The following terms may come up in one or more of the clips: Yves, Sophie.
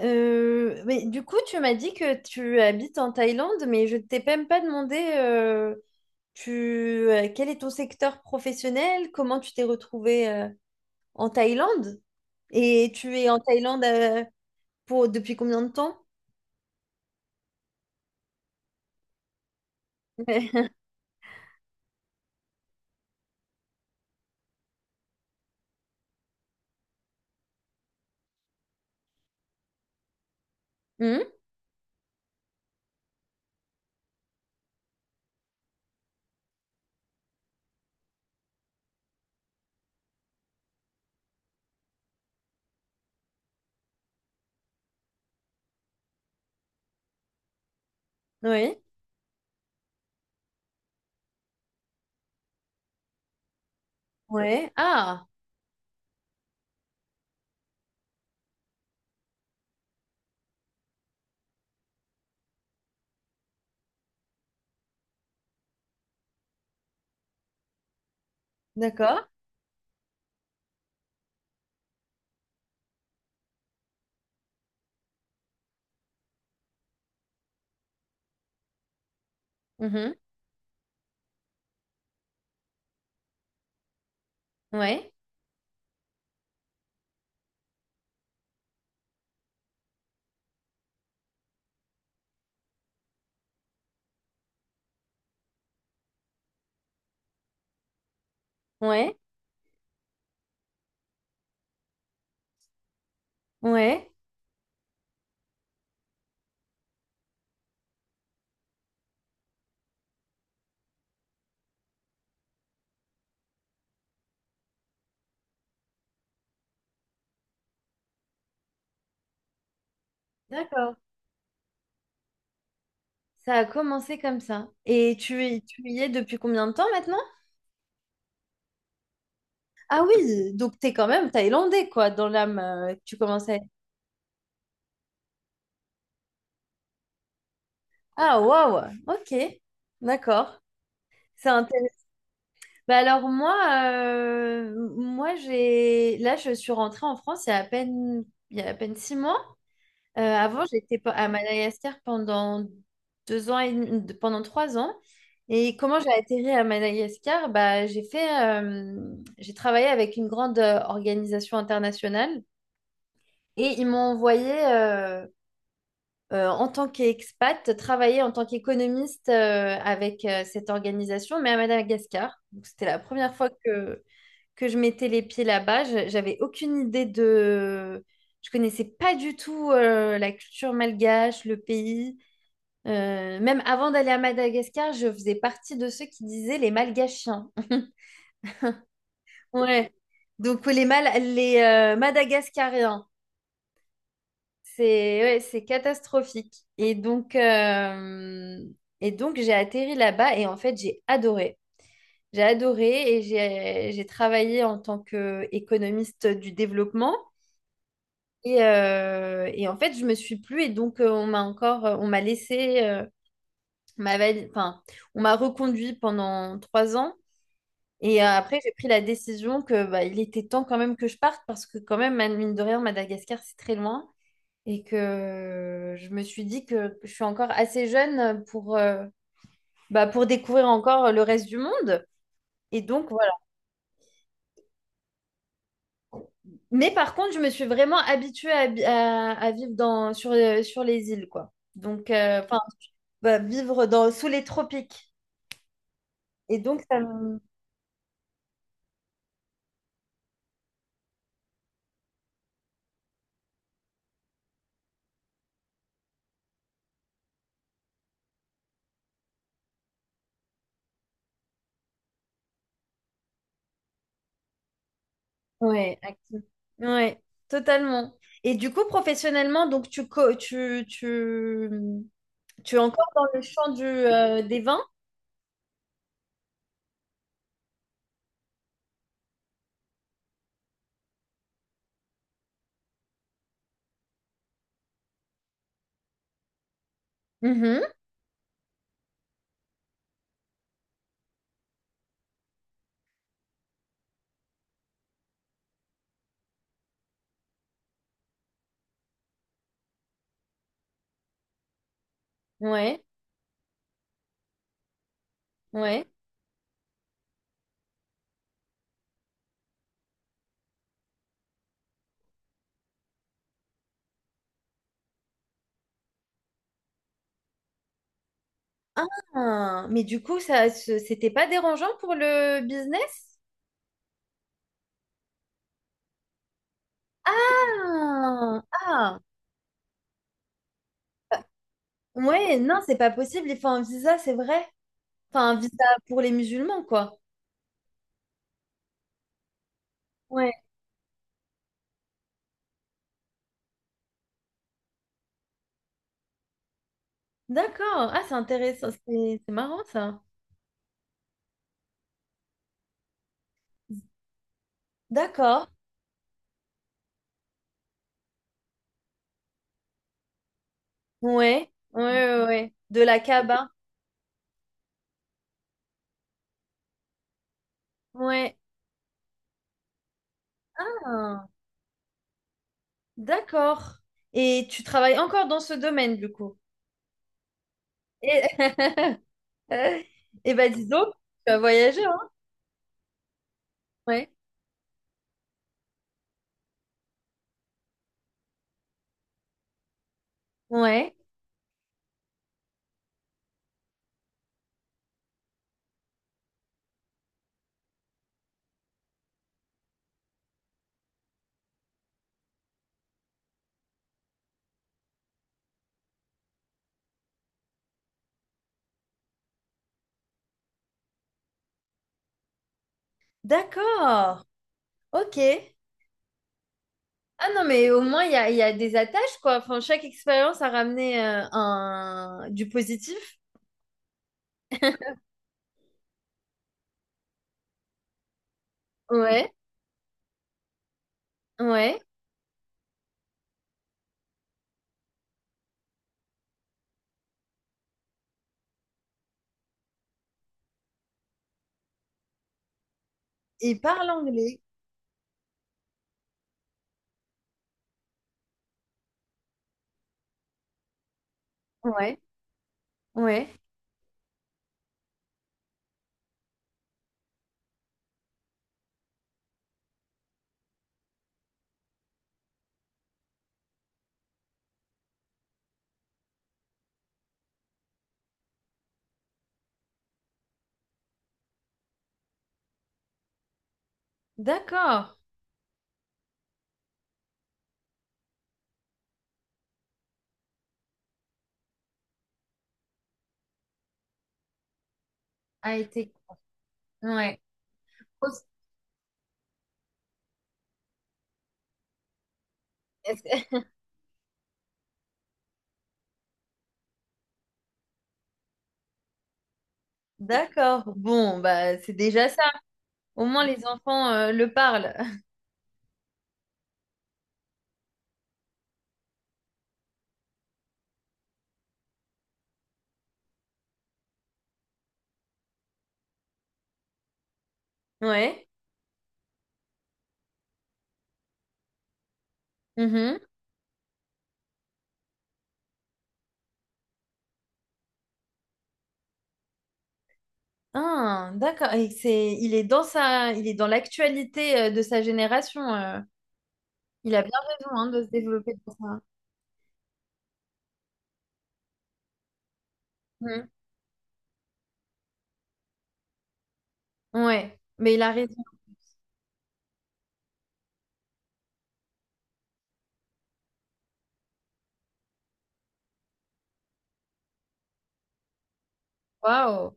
Mais du coup, tu m'as dit que tu habites en Thaïlande, mais je ne t'ai même pas demandé tu, quel est ton secteur professionnel, comment tu t'es retrouvé en Thaïlande et tu es en Thaïlande pour depuis combien de temps? Hmm. Oui, ouais. Ah, d'accord. Mhm. Ouais, ouais, ouais. D'accord. Ça a commencé comme ça. Et tu y es depuis combien de temps maintenant? Ah oui, donc t'es quand même thaïlandais, quoi, dans l'âme. Tu commences à être... Ah, waouh, ok, d'accord. C'est intéressant. Bah alors moi, moi j'ai... Là, je suis rentrée en France il y a à peine, il y a à peine 6 mois. Avant, à Madagascar pendant deux ans et demi- de- pendant 3 ans. Et comment j'ai atterri à Madagascar? Bah, j'ai travaillé avec une grande organisation internationale et ils m'ont envoyé en tant qu'expat, travailler en tant qu'économiste avec cette organisation, mais à Madagascar. Donc, c'était la première fois que je mettais les pieds là-bas. J'avais aucune idée de... Je connaissais pas du tout la culture malgache, le pays. Même avant d'aller à Madagascar, je faisais partie de ceux qui disaient les malgachiens. Ouais. Donc les Madagascariens. C'est ouais, c'est catastrophique. Et donc j'ai atterri là-bas et en fait, j'ai adoré. J'ai adoré et j'ai travaillé en tant qu'économiste du développement. Et en fait, je me suis plu et donc on m'a encore, on m'a laissé, on m'a vali- enfin, on m'a reconduit pendant 3 ans. Et après, j'ai pris la décision que bah, il était temps quand même que je parte parce que quand même, mine de rien, Madagascar, c'est très loin. Et que je me suis dit que je suis encore assez jeune pour, bah, pour découvrir encore le reste du monde. Et donc voilà. Mais par contre, je me suis vraiment habituée à, à vivre dans, sur, sur les îles, quoi. Donc, enfin, bah, vivre dans, sous les tropiques. Et donc, ça me... Ouais, active. Ouais, totalement. Et du coup, professionnellement, donc tu, co- tu es encore dans le champ des vins? Mhm. Ouais, ouais. Ah, mais du coup, c'était pas dérangeant pour le business? Ah, ah, ouais, non, c'est pas possible. Il faut un visa, c'est vrai. Enfin, un visa pour les musulmans, quoi. Ouais, d'accord. Ah, c'est intéressant. C'est marrant, ça. D'accord. Ouais, ouais, ouais. Ouais. De la Kaaba. Ouais. Ah, d'accord. Et tu travailles encore dans ce domaine, du coup. Et, eh ben, dis donc, tu vas voyager, hein? Ouais. Ouais. D'accord. Ok. Ah non, mais au moins, il y a des attaches, quoi. Enfin, chaque expérience a ramené un... du positif. Ouais, ouais. Il parle anglais. Ouais, ouais. D'accord. A été. Ouais. Est-ce que... D'accord. Bon, bah, c'est déjà ça. Au moins, les enfants le parlent. Ouais. Mhm. Ah, d'accord. Et c'est, il est dans sa, il est dans l'actualité de sa génération. Il a bien raison hein, de se développer pour ça. Mm. Ouais, mais il a raison. Waouh,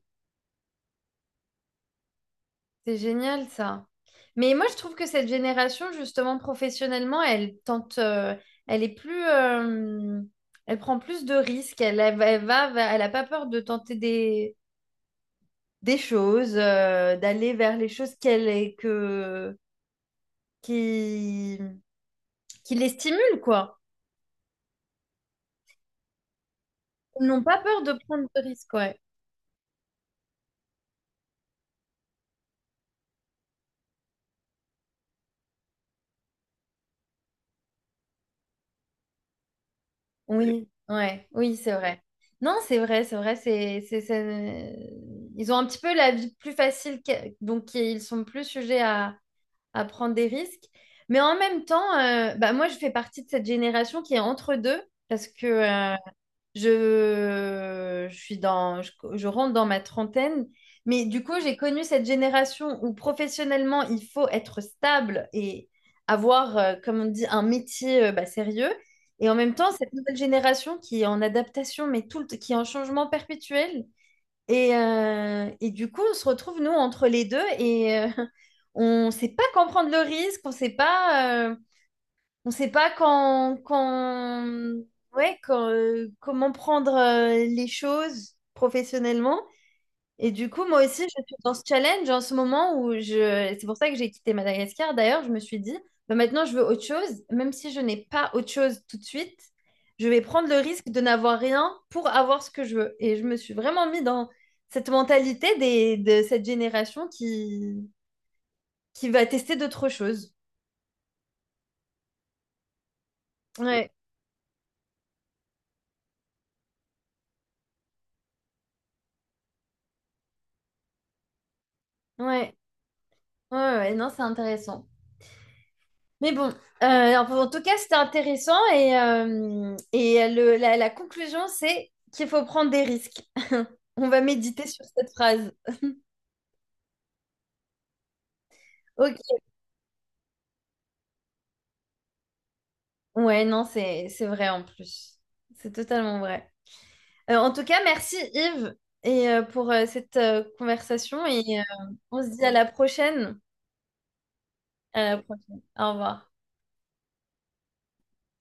c'est génial ça. Mais moi, je trouve que cette génération, justement, professionnellement, elle tente, elle est plus, euh, elle prend plus de risques. Elle elle a pas peur de tenter des choses, d'aller vers les choses qu'elle est que qui, qui les stimulent, quoi. Ils n'ont pas peur de prendre de risques, ouais. Oui, ouais, oui, c'est vrai. Non, c'est vrai, c'est vrai, c'est- Ils ont un petit peu la vie plus facile, que... donc ils sont plus sujets à prendre des risques. Mais en même temps, bah, moi, je fais partie de cette génération qui est entre deux, parce que je rentre dans ma trentaine, mais du coup, j'ai connu cette génération où professionnellement, il faut être stable et avoir, comme on dit, un métier bah, sérieux. Et en même temps, cette nouvelle génération qui est en adaptation, qui est en changement perpétuel. Et du coup, on se retrouve, nous, entre les deux et on ne sait pas comprendre le risque, on ne sait pas. On sait pas quand, quand, ouais, Quand, comment prendre les choses professionnellement. Et du coup, moi aussi, je suis dans ce challenge en ce moment où je... C'est pour ça que j'ai quitté Madagascar. D'ailleurs, je me suis dit, bah, maintenant, je veux autre chose. Même si je n'ai pas autre chose tout de suite, je vais prendre le risque de n'avoir rien pour avoir ce que je veux. Et je me suis vraiment mis dans cette mentalité des... de cette génération qui va tester d'autres choses. Ouais, ouais, ouais, non, c'est intéressant. Mais bon, euh, en tout cas, c'était intéressant et, la, la conclusion, c'est qu'il faut prendre des risques. On va méditer sur cette phrase. Ok. Ouais, non, c'est vrai en plus. C'est totalement vrai. En tout cas, merci Yves et pour cette conversation et on se dit à la prochaine. À la prochaine. Au revoir.